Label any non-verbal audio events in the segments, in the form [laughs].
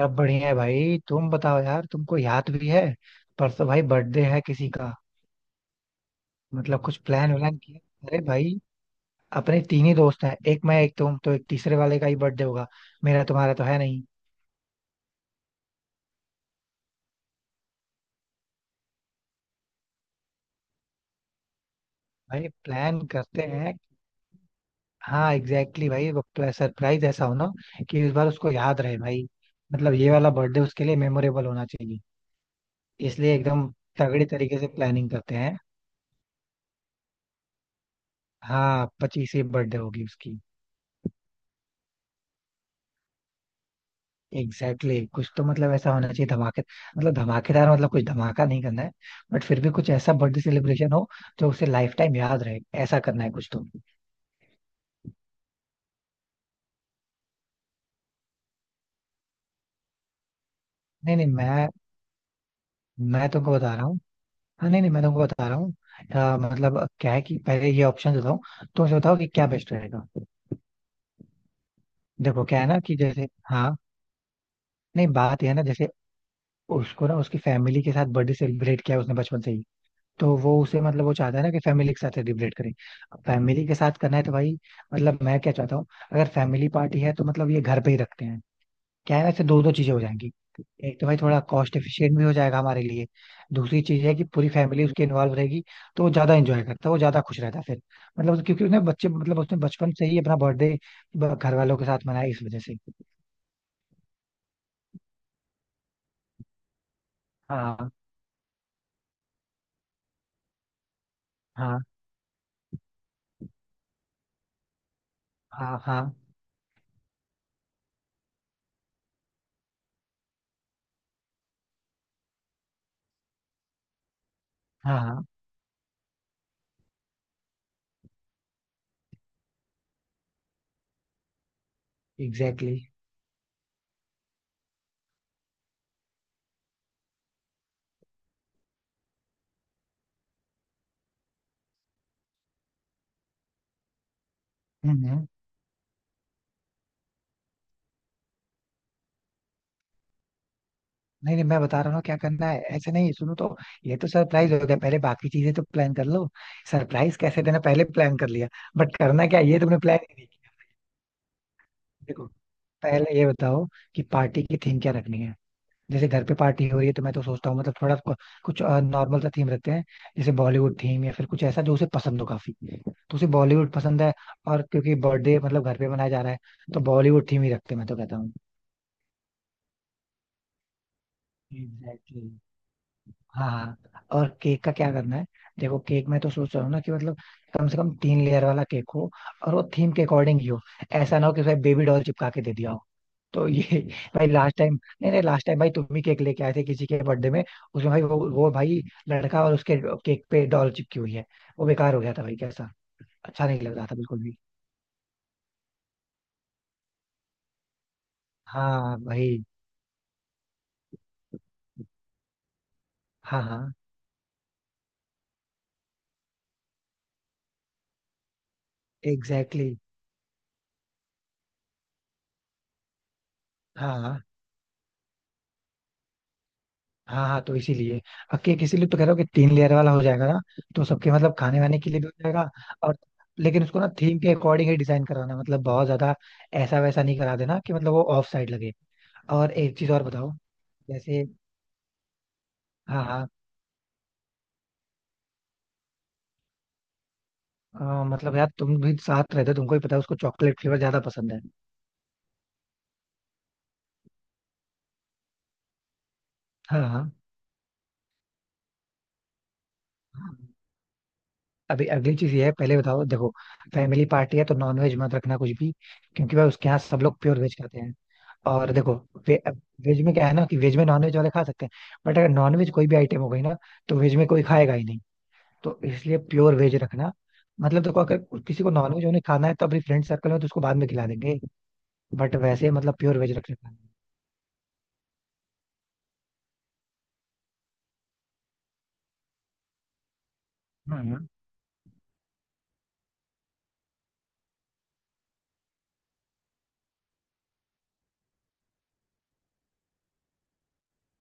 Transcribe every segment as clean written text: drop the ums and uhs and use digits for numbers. सब बढ़िया है भाई. तुम बताओ यार, तुमको याद भी है? परसों भाई बर्थडे है किसी का. मतलब कुछ प्लान व्लान किया? अरे भाई, अपने तीन ही दोस्त हैं. एक मैं एक तुम, तो एक तीसरे वाले का ही बर्थडे होगा. मेरा तुम्हारा तो है नहीं. भाई प्लान करते हैं. हाँ एग्जैक्टली exactly. भाई सरप्राइज ऐसा हो ना कि इस बार उसको याद रहे भाई. मतलब ये वाला बर्थडे उसके लिए मेमोरेबल होना चाहिए. इसलिए एकदम तगड़ी तरीके से प्लानिंग करते हैं. हाँ, 25वीं बर्थडे होगी उसकी. Exactly exactly. कुछ तो मतलब ऐसा होना चाहिए धमाके, मतलब धमाकेदार, मतलब कुछ धमाका नहीं करना है. बट फिर भी कुछ ऐसा बर्थडे सेलिब्रेशन हो जो उसे लाइफ टाइम याद रहे. ऐसा करना है कुछ तो. नहीं नहीं, मैं तुमको बता रहा हूँ. हाँ नहीं नहीं, मैं तुमको बता रहा हूँ. मतलब क्या है कि पहले ये ऑप्शन देता हूँ, तो मुझे बताओ कि क्या बेस्ट रहेगा. देखो क्या है ना, कि जैसे हाँ, नहीं बात यह है ना जैसे, उसको ना उसकी फैमिली के साथ बर्थडे सेलिब्रेट किया उसने बचपन से ही. तो वो उसे मतलब वो चाहता है ना कि फैमिली के साथ सेलिब्रेट करें. अब फैमिली के साथ करना है तो भाई मतलब मैं क्या चाहता हूँ, अगर फैमिली पार्टी है तो मतलब ये घर पे ही रखते हैं. क्या है ना, ऐसे दो दो चीजें हो जाएंगी. एक तो भाई थोड़ा कॉस्ट एफिशिएंट भी हो जाएगा हमारे लिए. दूसरी चीज है कि पूरी फैमिली उसके इन्वॉल्व रहेगी, तो वो ज्यादा एंजॉय करता है, वो ज्यादा खुश रहता है फिर. मतलब क्योंकि उसने बच्चे मतलब उसने बचपन से ही अपना बर्थडे घर वालों के साथ मनाया इस वजह से. हाँ हाँ हाँ. हाँ हाँ हाँ. एग्जैक्टली. नहीं नहीं, मैं बता रहा हूँ ना क्या करना है, ऐसे नहीं सुनो तो. ये तो सरप्राइज हो गया, पहले बाकी चीजें तो प्लान कर लो. सरप्राइज कैसे देना पहले प्लान कर लिया, बट करना क्या है, ये तुमने प्लान ही नहीं किया. देखो, पहले ये बताओ कि पार्टी की थीम क्या रखनी है. जैसे घर पे पार्टी हो रही है तो मैं तो सोचता हूँ मतलब थोड़ा कुछ नॉर्मल सा थीम रखते हैं. जैसे बॉलीवुड थीम या फिर कुछ ऐसा जो उसे पसंद हो काफी. तो उसे बॉलीवुड पसंद है. और क्योंकि बर्थडे मतलब घर पे मनाया जा रहा है, तो बॉलीवुड थीम ही रखते हैं मैं तो कहता हूँ. एग्जैक्टली. हाँ हाँ. और केक का क्या करना है? देखो केक में तो सोच रहा हूँ ना कि मतलब कम से कम 3 लेयर वाला केक हो, और वो थीम के अकॉर्डिंग ही हो. ऐसा ना हो कि उसमें बेबी डॉल चिपका के दे दिया हो. तो ये [laughs] भाई लास्ट टाइम, नहीं नहीं लास्ट टाइम भाई तुम ही केक लेके आए थे किसी के बर्थडे में. उसमें भाई वो भाई लड़का, और उसके केक पे डॉल चिपकी हुई है. वो बेकार हो गया था भाई कैसा, अच्छा नहीं लग रहा था बिल्कुल भी. हाँ भाई. हाँ हाँ. एग्जैक्टली. हाँ हाँ हाँ, तो इसीलिए अब केक इसीलिए तो कह रहा हूँ कि 3 लेयर वाला हो जाएगा ना. तो सबके मतलब खाने वाने के लिए भी हो जाएगा. और लेकिन उसको ना थीम के अकॉर्डिंग ही डिजाइन करवाना, मतलब बहुत ज्यादा ऐसा वैसा नहीं करा देना कि मतलब वो ऑफ साइड लगे. और एक चीज और बताओ, जैसे, हाँ हाँ, मतलब यार तुम भी साथ रहते हो, तुमको ही पता है उसको चॉकलेट फ्लेवर ज्यादा पसंद है. हाँ हाँ. अभी अगली चीज ये है, पहले बताओ देखो. फैमिली पार्टी है तो नॉनवेज मत रखना कुछ भी, क्योंकि भाई उसके यहाँ सब लोग प्योर वेज खाते हैं. और देखो, वे, वेज में क्या है ना कि वेज में नॉनवेज वाले खा सकते हैं. बट अगर नॉनवेज कोई भी आइटम हो गई ना, तो वेज में कोई खाएगा ही नहीं. तो इसलिए प्योर वेज रखना. मतलब देखो अगर किसी को नॉनवेज उन्हें खाना है तो अपनी फ्रेंड सर्कल में तो उसको बाद में खिला देंगे. बट वैसे मतलब प्योर वेज रख सकते हैं. हम्म.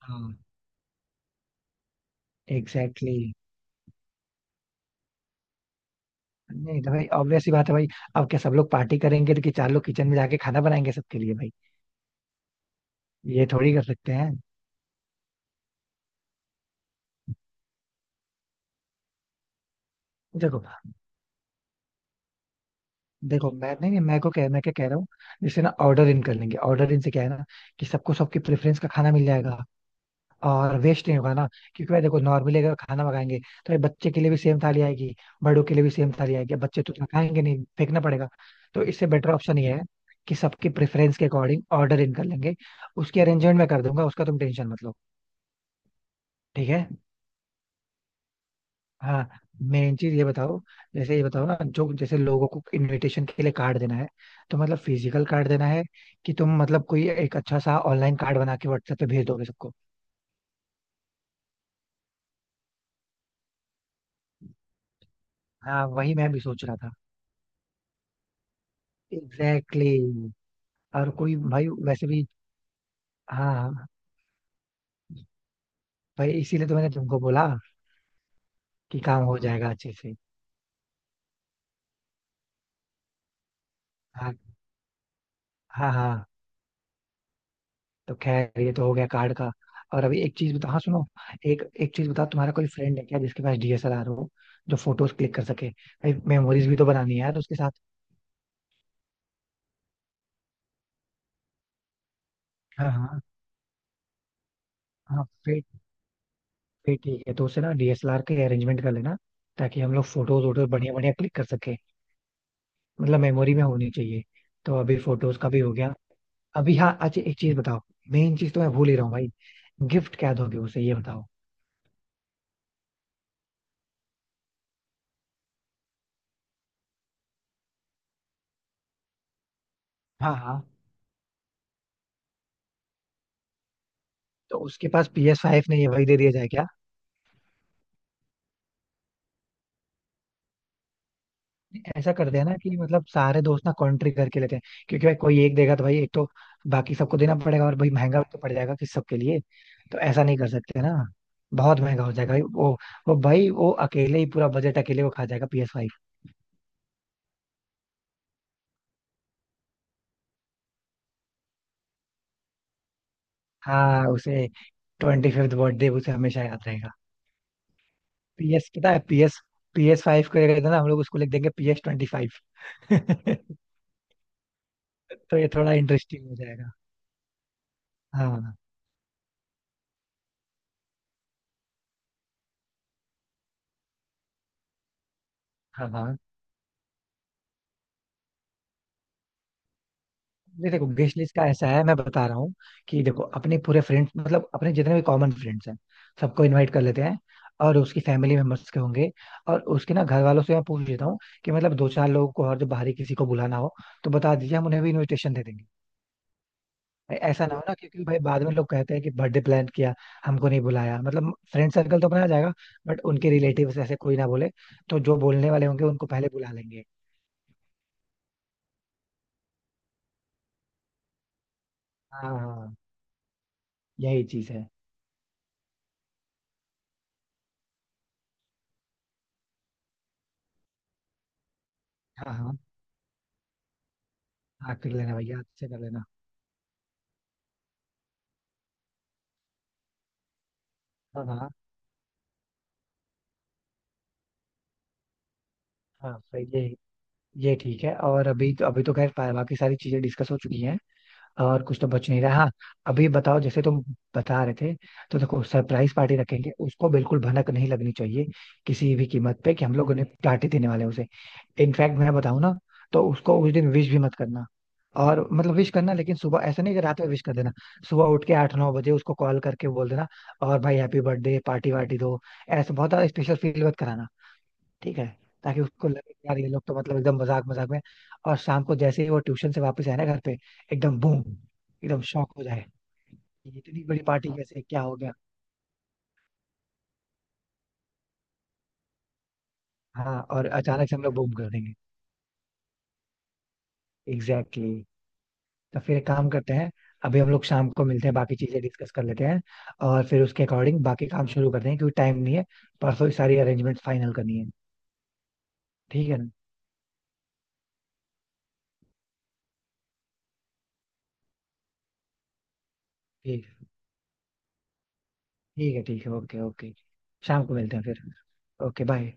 हाँ एग्जैक्टली exactly. नहीं तो भाई ऑब्वियस ही बात है भाई. अब क्या सब लोग पार्टी करेंगे तो कि चार लोग किचन में जाके खाना बनाएंगे सबके लिए भाई? ये थोड़ी कर सकते हैं. देखो देखो मैं, नहीं नहीं, मैं को कह, मैं क्या कह रहा हूँ. जैसे ना ऑर्डर इन कर लेंगे, ऑर्डर इन से क्या है ना कि सबको सबकी प्रेफरेंस का खाना मिल जाएगा और वेस्ट नहीं होगा ना. क्योंकि भाई देखो, नॉर्मली अगर खाना मंगाएंगे तो ये बच्चे के लिए भी सेम थाली आएगी, बड़ों के लिए भी सेम थाली आएगी. अब बच्चे तो उतना खाएंगे नहीं, फेंकना पड़ेगा. तो इससे बेटर ऑप्शन ये है कि सबकी प्रेफरेंस के अकॉर्डिंग ऑर्डर इन कर लेंगे. उसकी अरेंजमेंट मैं कर दूंगा, उसका तुम टेंशन मत लो. ठीक है. हाँ, मेन चीज ये बताओ. जैसे ये बताओ ना, जो जैसे लोगों को इनविटेशन के लिए कार्ड देना है, तो मतलब फिजिकल कार्ड देना है कि तुम मतलब कोई एक अच्छा सा ऑनलाइन कार्ड बना के व्हाट्सएप पे भेज दोगे सबको? हाँ वही मैं भी सोच रहा था. Exactly exactly. और कोई भाई वैसे भी, हाँ भाई इसीलिए तो मैंने तुमको बोला कि काम हो जाएगा अच्छे से. हाँ हाँ. हाँ, तो खैर ये तो हो गया कार्ड का. और अभी एक चीज बता, हाँ सुनो, एक एक चीज बता, तुम्हारा कोई फ्रेंड है क्या जिसके पास डीएसएलआर हो जो फोटोज क्लिक कर सके? भाई मेमोरीज भी तो बनानी है यार उसके साथ. हाँ हाँ हाँ. फिर ठीक है, तो उससे ना डीएसएलआर के अरेंजमेंट कर लेना ताकि हम लोग फोटोज वोटोज बढ़िया बढ़िया क्लिक कर सके. मतलब मेमोरी में होनी चाहिए. तो अभी फोटोज का भी हो गया. अभी हाँ अच्छा एक चीज बताओ, मेन चीज तो मैं भूल ही रहा हूँ भाई, गिफ्ट क्या दोगे उसे ये बताओ. हाँ हाँ, तो उसके पास PS5 नहीं है, वही दे दिया जाए क्या? ऐसा करते हैं ना कि मतलब सारे दोस्त ना कंट्री करके लेते हैं, क्योंकि भाई कोई एक देगा तो भाई एक तो बाकी सबको देना पड़ेगा, और भाई महंगा भी तो पड़ जाएगा कि सबके लिए. तो ऐसा नहीं कर सकते ना, बहुत महंगा हो जाएगा भाई. वो भाई वो अकेले ही पूरा बजट अकेले वो खा जाएगा PS5. हाँ, उसे 25वीं बर्थडे उसे हमेशा याद रहेगा. पी एस पता है पी एस फाइव को जगह ना हम लोग उसको लिख देंगे PS25. [laughs] तो ये थोड़ा इंटरेस्टिंग हो जाएगा. हाँ हाँ हाँ. नहीं देखो, गेस्ट लिस्ट का ऐसा है मैं बता रहा हूँ. कि देखो अपने पूरे फ्रेंड्स मतलब अपने जितने भी कॉमन फ्रेंड्स हैं सबको इनवाइट कर लेते हैं. और उसकी फैमिली मेंबर्स के होंगे, और उसके ना घर वालों से मैं पूछ लेता हूँ कि मतलब दो चार लोगों को और जो बाहरी किसी को बुलाना हो तो बता दीजिए, हम उन्हें भी इन्विटेशन दे देंगे. ऐसा ना हो ना, क्योंकि भाई बाद में लोग कहते हैं कि बर्थडे प्लान किया, हमको नहीं बुलाया. मतलब फ्रेंड सर्कल तो अपना आ जाएगा, बट उनके रिलेटिव्स ऐसे कोई ना बोले, तो जो बोलने वाले होंगे उनको पहले बुला लेंगे. हाँ हाँ हाँ. यही चीज है. हाँ हाँ, हाँ कर लेना भैया, अच्छे कर लेना. हाँ हाँ. हाँ भाई ये ठीक है. और अभी तो खैर बाकी सारी चीजें डिस्कस हो चुकी हैं. और कुछ तो बच नहीं रहा. हाँ अभी बताओ, जैसे तुम बता रहे थे. तो देखो सरप्राइज पार्टी रखेंगे, उसको बिल्कुल भनक नहीं लगनी चाहिए किसी भी कीमत पे कि हम लोग उन्हें पार्टी देने वाले हैं उसे. इनफैक्ट मैं बताऊं ना, तो उसको उस दिन विश भी मत करना. और मतलब विश करना, लेकिन सुबह, ऐसा नहीं कि रात में विश कर देना. सुबह उठ के 8-9 बजे उसको कॉल करके बोल देना और भाई हैप्पी बर्थडे पार्टी वार्टी दो, ऐसा बहुत ज्यादा स्पेशल फील मत कराना. ठीक है, ताकि उसको लगे कि यार ये लोग तो मतलब एकदम मजाक मजाक में. और शाम को जैसे ही वो ट्यूशन से वापस आए ना घर पे, एकदम बूम, एकदम शॉक हो जाए कि इतनी बड़ी पार्टी कैसे क्या हो गया. हाँ और अचानक से हम लोग बूम कर देंगे. Exactly exactly. तो फिर एक काम करते हैं, अभी हम लोग शाम को मिलते हैं, बाकी चीजें डिस्कस कर लेते हैं. और फिर उसके अकॉर्डिंग बाकी काम शुरू करते हैं, क्योंकि टाइम नहीं है. परसों ही सारी अरेंजमेंट फाइनल करनी है. ठीक है ना. ठीक, ठीक है ठीक है, ओके ओके. शाम को मिलते हैं फिर. Okay bye.